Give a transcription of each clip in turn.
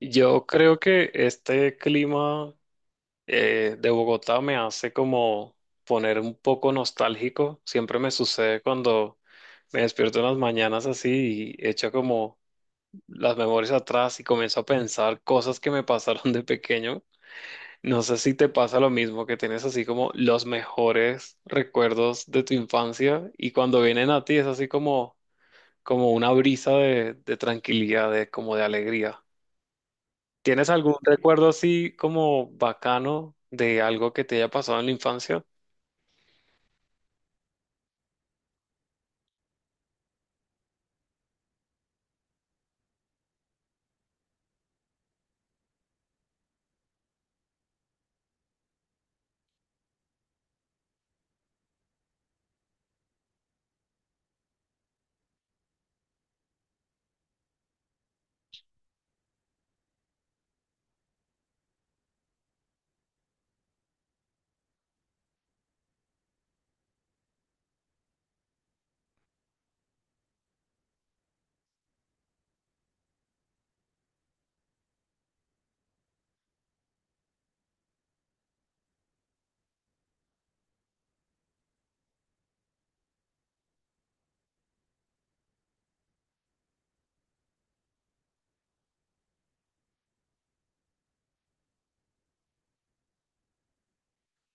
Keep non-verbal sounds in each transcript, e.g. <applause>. Yo creo que este clima de Bogotá me hace como poner un poco nostálgico. Siempre me sucede cuando me despierto en las mañanas así y echo como las memorias atrás y comienzo a pensar cosas que me pasaron de pequeño. No sé si te pasa lo mismo, que tienes así como los mejores recuerdos de tu infancia y cuando vienen a ti es así como, como una brisa de tranquilidad, de, como de alegría. ¿Tienes algún recuerdo así como bacano de algo que te haya pasado en la infancia?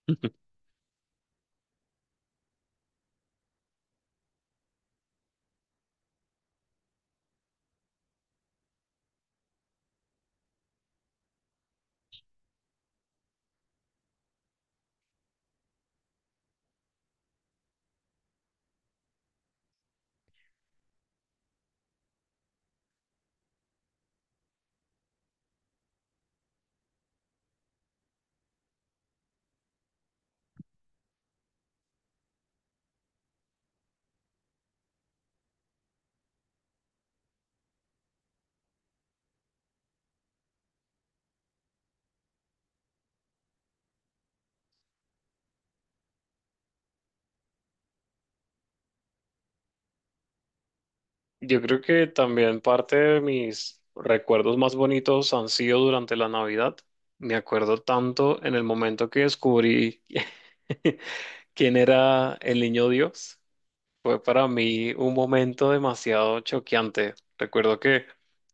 <laughs> Yo creo que también parte de mis recuerdos más bonitos han sido durante la Navidad. Me acuerdo tanto en el momento que descubrí <laughs> quién era el niño Dios. Fue para mí un momento demasiado choqueante. Recuerdo que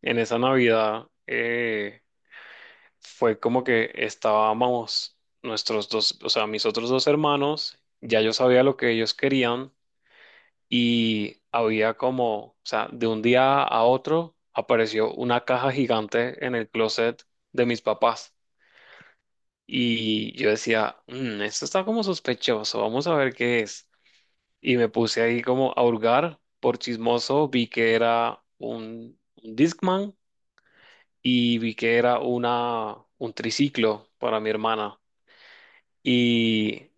en esa Navidad fue como que estábamos nuestros dos, o sea, mis otros dos hermanos, ya yo sabía lo que ellos querían y había como, o sea, de un día a otro apareció una caja gigante en el closet de mis papás y yo decía, "Mm, esto está como sospechoso, vamos a ver qué es". Y me puse ahí como a hurgar, por chismoso, vi que era un Discman y vi que era una, un triciclo para mi hermana. Y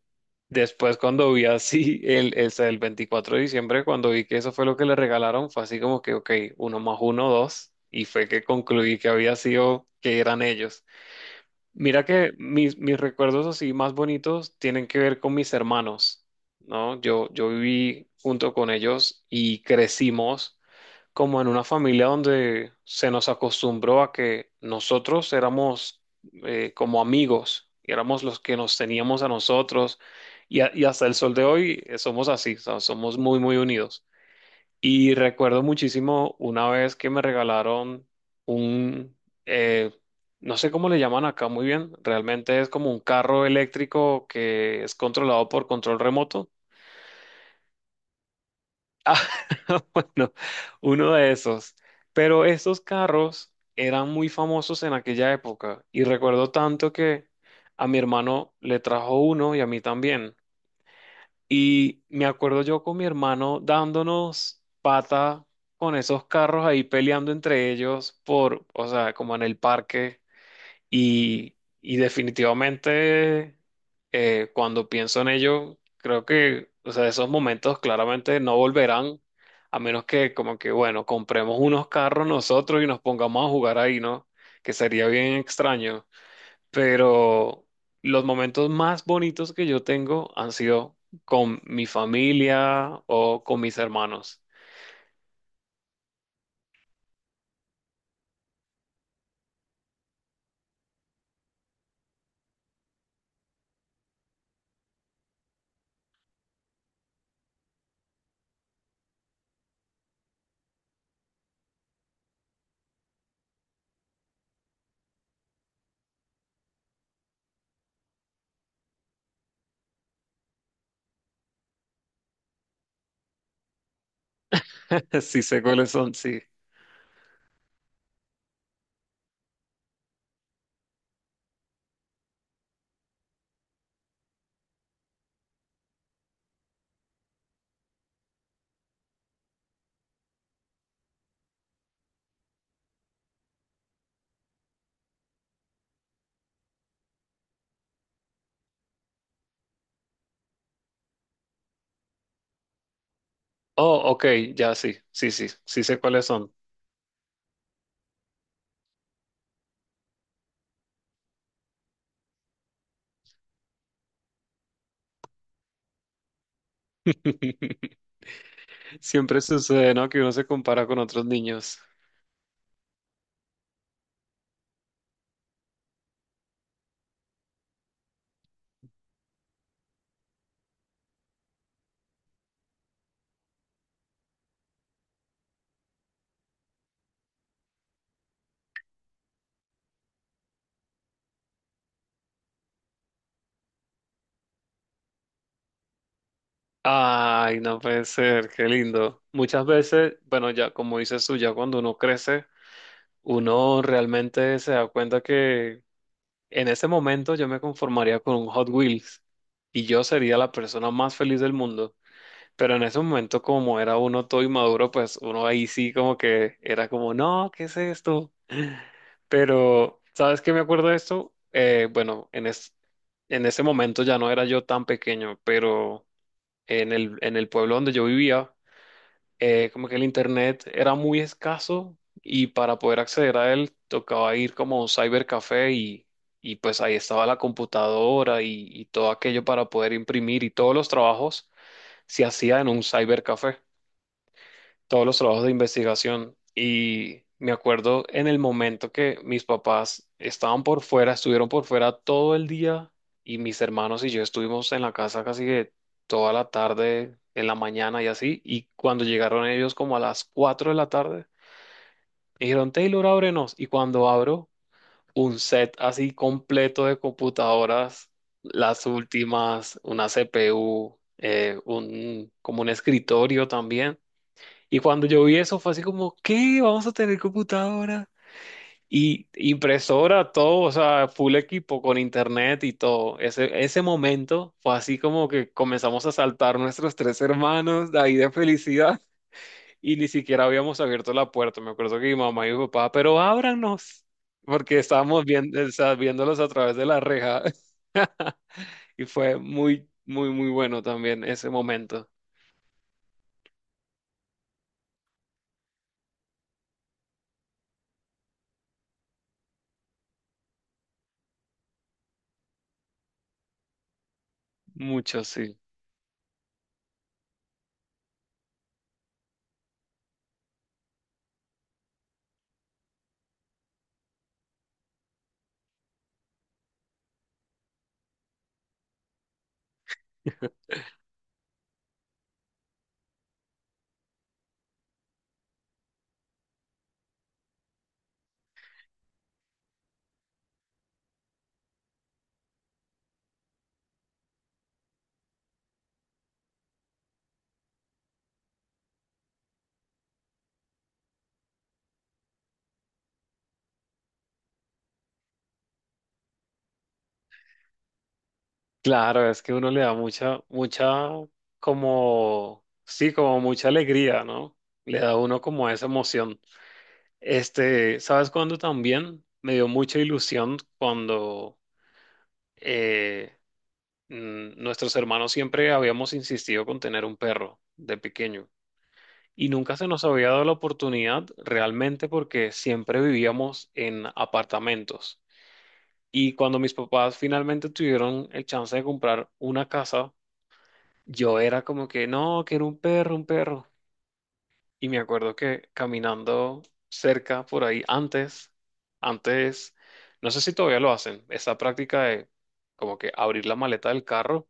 después cuando vi así <laughs> el 24 de diciembre, cuando vi que eso fue lo que le regalaron, fue así como que, ok, uno más uno, dos. Y fue que concluí que había sido, que eran ellos. Mira que mis recuerdos así más bonitos tienen que ver con mis hermanos, ¿no? Yo viví junto con ellos y crecimos como en una familia donde se nos acostumbró a que nosotros éramos como amigos, y éramos los que nos teníamos a nosotros, y, y hasta el sol de hoy somos así, o sea, somos muy, muy unidos. Y recuerdo muchísimo una vez que me regalaron un, eh, no sé cómo le llaman acá muy bien, realmente es como un carro eléctrico que es controlado por control remoto. Ah, <laughs> bueno, uno de esos. Pero estos carros eran muy famosos en aquella época y recuerdo tanto que a mi hermano le trajo uno y a mí también. Y me acuerdo yo con mi hermano dándonos pata con esos carros ahí peleando entre ellos por, o sea, como en el parque. Y definitivamente, cuando pienso en ello, creo que, o sea, esos momentos claramente no volverán, a menos que como que, bueno, compremos unos carros nosotros y nos pongamos a jugar ahí, ¿no? Que sería bien extraño. Pero los momentos más bonitos que yo tengo han sido con mi familia o con mis hermanos. <laughs> Sí sé cuáles son, sí. Oh, ok, ya sí, sí, sí, sí sé cuáles son. <laughs> Siempre sucede, ¿no? Que uno se compara con otros niños. Ay, no puede ser, qué lindo. Muchas veces, bueno, ya como dices tú, ya cuando uno crece, uno realmente se da cuenta que en ese momento yo me conformaría con un Hot Wheels y yo sería la persona más feliz del mundo. Pero en ese momento, como era uno todo inmaduro, pues uno ahí sí como que era como, no, ¿qué es esto? Pero, ¿sabes qué me acuerdo de esto? Bueno, en ese momento ya no era yo tan pequeño, pero en el pueblo donde yo vivía, como que el internet era muy escaso y para poder acceder a él tocaba ir como a un cybercafé y pues ahí estaba la computadora y todo aquello para poder imprimir y todos los trabajos se hacía en un cybercafé, todos los trabajos de investigación. Y me acuerdo en el momento que mis papás estaban por fuera, estuvieron por fuera todo el día y mis hermanos y yo estuvimos en la casa casi que toda la tarde, en la mañana y así, y cuando llegaron ellos como a las 4 de la tarde, me dijeron, "Taylor, ábrenos", y cuando abro un set así completo de computadoras, las últimas, una CPU, como un escritorio también. Y cuando yo vi eso fue así como, ¿qué? Vamos a tener computadora y impresora, todo, o sea, full equipo con internet y todo. Ese momento fue así como que comenzamos a saltar nuestros tres hermanos de ahí de felicidad. <laughs> Y ni siquiera habíamos abierto la puerta. Me acuerdo que mi mamá y mi papá, pero ábranos, porque estábamos viendo, o sea, viéndolos a través de la reja. <laughs> Y fue muy, muy, muy bueno también ese momento. Mucho, sí. Claro, es que uno le da mucha, mucha, como, sí, como mucha alegría, ¿no? Le da a uno como esa emoción. Este, ¿sabes cuándo también? Me dio mucha ilusión cuando eh, nuestros hermanos siempre habíamos insistido con tener un perro de pequeño y nunca se nos había dado la oportunidad realmente porque siempre vivíamos en apartamentos. Y cuando mis papás finalmente tuvieron el chance de comprar una casa, yo era como que no, que era un perro, un perro. Y me acuerdo que caminando cerca por ahí antes, antes, no sé si todavía lo hacen, esa práctica de como que abrir la maleta del carro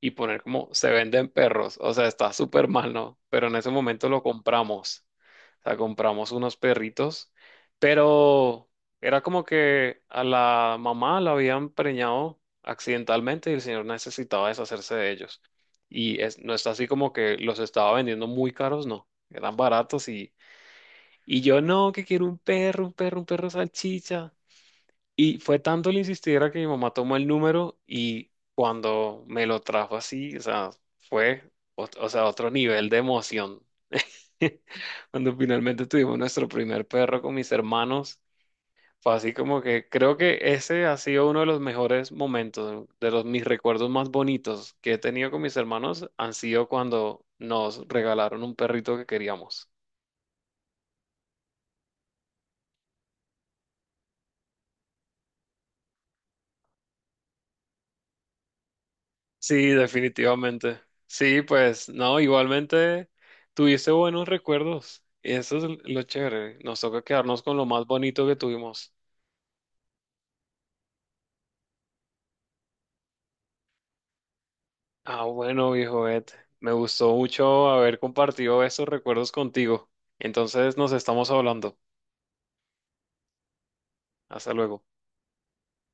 y poner como se venden perros. O sea, está súper mal, ¿no? Pero en ese momento lo compramos. O sea, compramos unos perritos, pero era como que a la mamá la habían preñado accidentalmente y el señor necesitaba deshacerse de ellos. Y es, no está así como que los estaba vendiendo muy caros, no. Eran baratos y yo no, que quiero un perro, un perro, un perro salchicha. Y fue tanto el insistiera que mi mamá tomó el número y cuando me lo trajo así, o sea, fue, o sea, otro nivel de emoción. <laughs> Cuando finalmente tuvimos nuestro primer perro con mis hermanos, fue así como que creo que ese ha sido uno de los mejores momentos, de los mis recuerdos más bonitos que he tenido con mis hermanos han sido cuando nos regalaron un perrito que queríamos. Sí, definitivamente. Sí, pues no, igualmente tuviste buenos recuerdos. Y eso es lo chévere. Nos toca quedarnos con lo más bonito que tuvimos. Ah, bueno, viejo Ed. Me gustó mucho haber compartido esos recuerdos contigo. Entonces nos estamos hablando. Hasta luego.